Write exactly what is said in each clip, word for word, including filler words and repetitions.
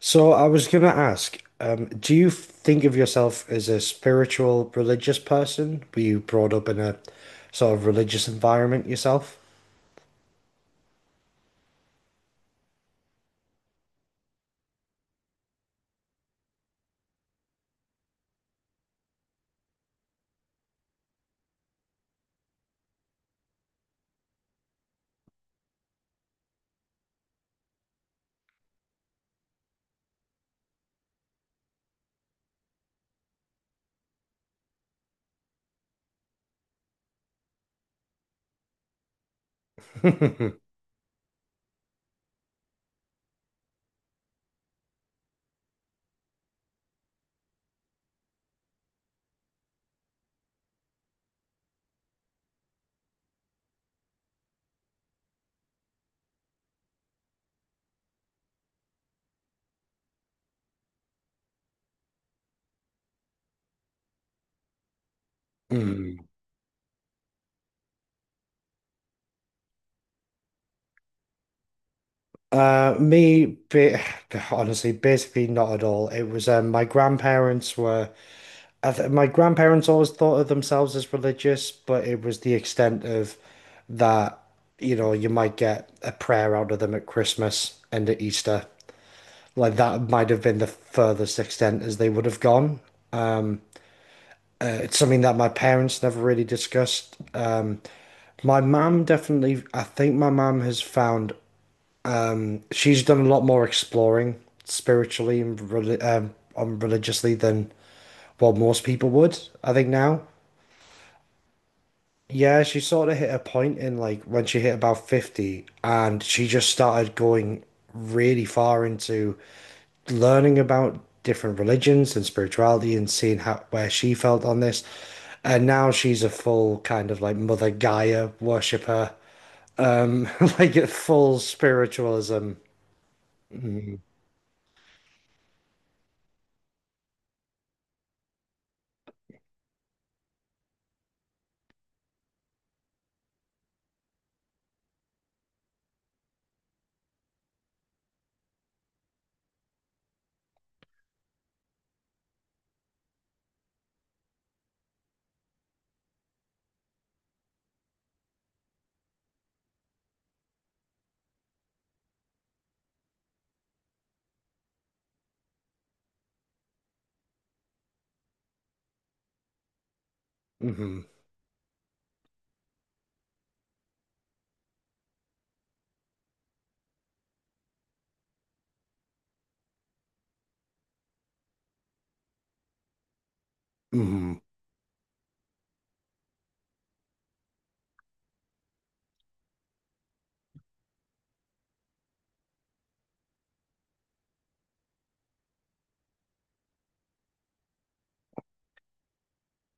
So I was gonna ask, um, do you think of yourself as a spiritual, religious person? Were you brought up in a sort of religious environment yourself? Hmm. Uh, me, ba honestly, basically not at all. It was um, my grandparents were. I th My grandparents always thought of themselves as religious, but it was the extent of that. You know, you might get a prayer out of them at Christmas and at Easter. Like that might have been the furthest extent as they would have gone. It's something that my parents never really discussed. Um, my mum definitely, I think my mum has found she's done a lot more exploring spiritually and reli- um, um, religiously than what most people would, I think now. Yeah, she sort of hit a point in like when she hit about fifty and she just started going really far into learning about different religions and spirituality and seeing how where she felt on this. And now she's a full kind of like Mother Gaia worshiper, like a full spiritualism. Hmm. Hmm.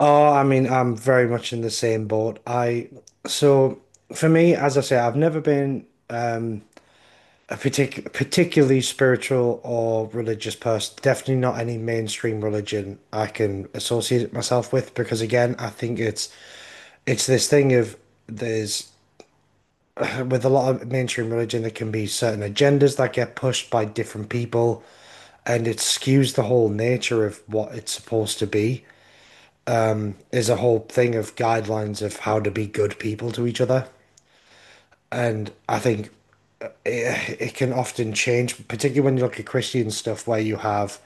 Oh, I mean, I'm very much in the same boat. I so for me, as I say, I've never been um a partic particularly spiritual or religious person. Definitely not any mainstream religion I can associate myself with, because again, I think it's it's this thing of there's with a lot of mainstream religion there can be certain agendas that get pushed by different people, and it skews the whole nature of what it's supposed to be. There's a whole thing of guidelines of how to be good people to each other, and I think it can often change, particularly when you look at Christian stuff where you have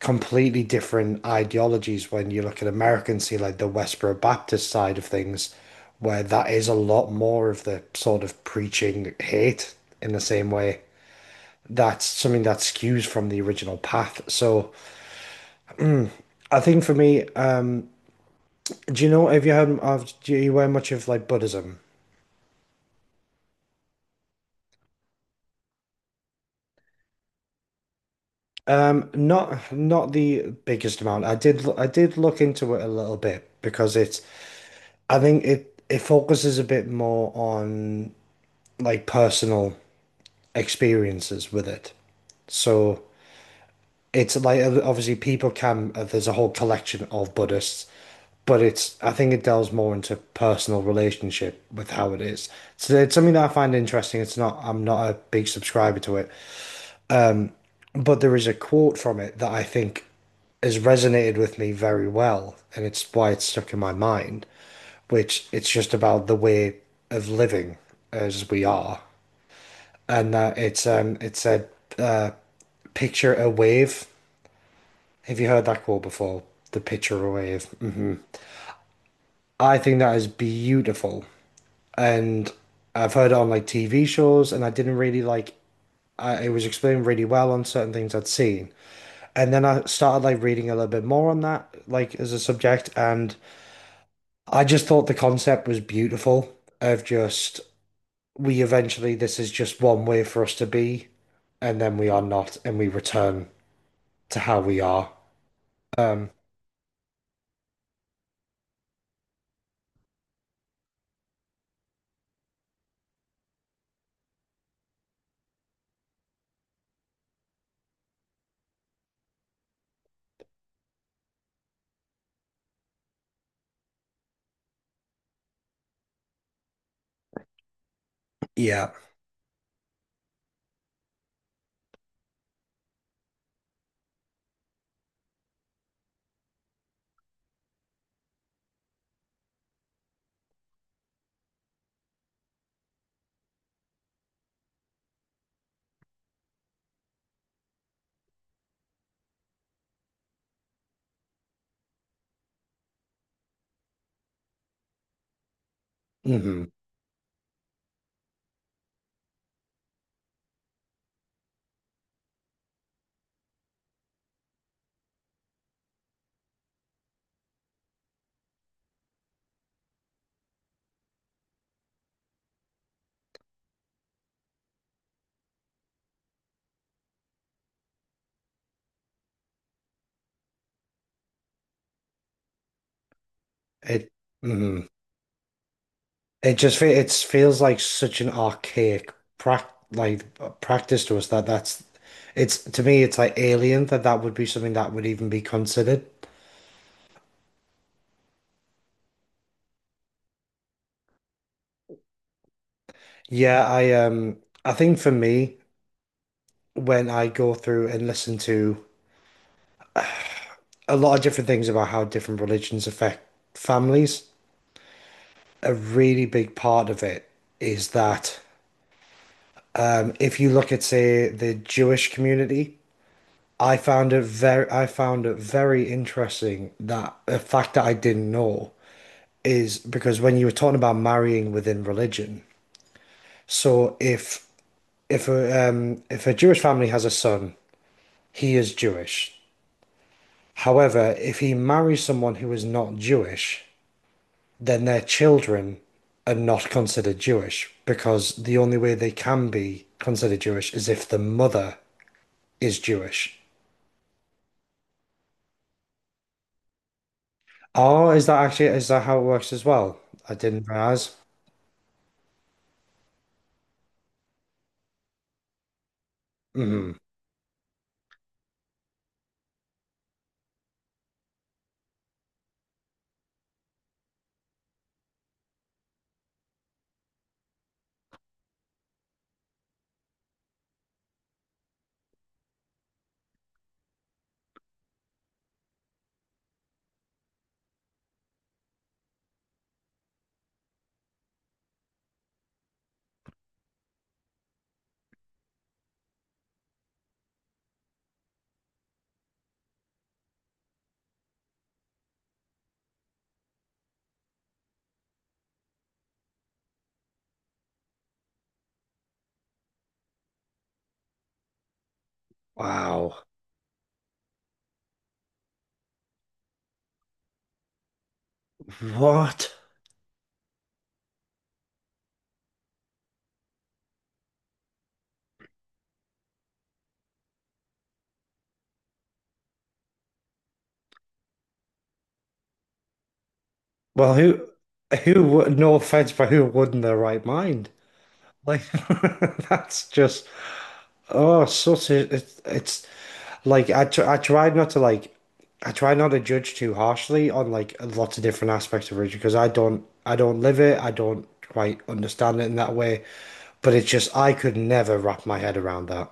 completely different ideologies, when you look at America and see like the Westboro Baptist side of things, where that is a lot more of the sort of preaching hate in the same way. That's something that skews from the original path. So I think for me, um, do you know have you heard of do you wear much of like Buddhism? Um, not not the biggest amount. I did I did look into it a little bit because it's I think it it focuses a bit more on like personal experiences with it. So it's like obviously people can uh, there's a whole collection of Buddhists, but it's I think it delves more into personal relationship with how it is. So it's something that I find interesting. It's not I'm not a big subscriber to it, but there is a quote from it that I think has resonated with me very well, and it's why it's stuck in my mind, which it's just about the way of living as we are. And that it's um it said picture a wave. Have you heard that quote before? The picture away is. Mm. I think that is beautiful. And I've heard it on like T V shows, and I didn't really like I, it was explained really well on certain things I'd seen. And then I started like reading a little bit more on that, like as a subject, and I just thought the concept was beautiful of just we eventually this is just one way for us to be, and then we are not, and we return to how we are. Um, yeah. Hmm. It. Mhm. It just fe- it feels like such an archaic prac like uh, practice to us that that's it's to me it's like alien that that would be something that would even be considered. Yeah, I um I think for me when I go through and listen to a lot of different things about how different religions affect families, a really big part of it is that if you look at say the Jewish community, I found it very I found it very interesting that a fact that I didn't know is because when you were talking about marrying within religion, so if if a um, if a Jewish family has a son, he is Jewish. However, if he marries someone who is not Jewish, then their children are not considered Jewish, because the only way they can be considered Jewish is if the mother is Jewish. Oh, is that actually is that how it works as well? I didn't realize. Mm, wow. What? Well, who, who would, no offense, but who would in their right mind? Like, that's just, oh, such a, it's, it's like, I, tr I try not to like, I try not to judge too harshly on like lots of different aspects of religion, because I don't, I don't live it. I don't quite understand it in that way. But it's just, I could never wrap my head around that.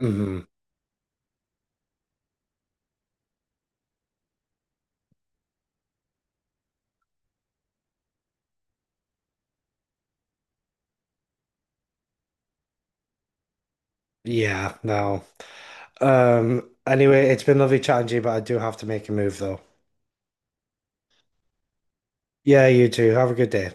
Hmm. Yeah, no. Um, anyway, it's been lovely chatting to you, but I do have to make a move though. Yeah, you too. Have a good day.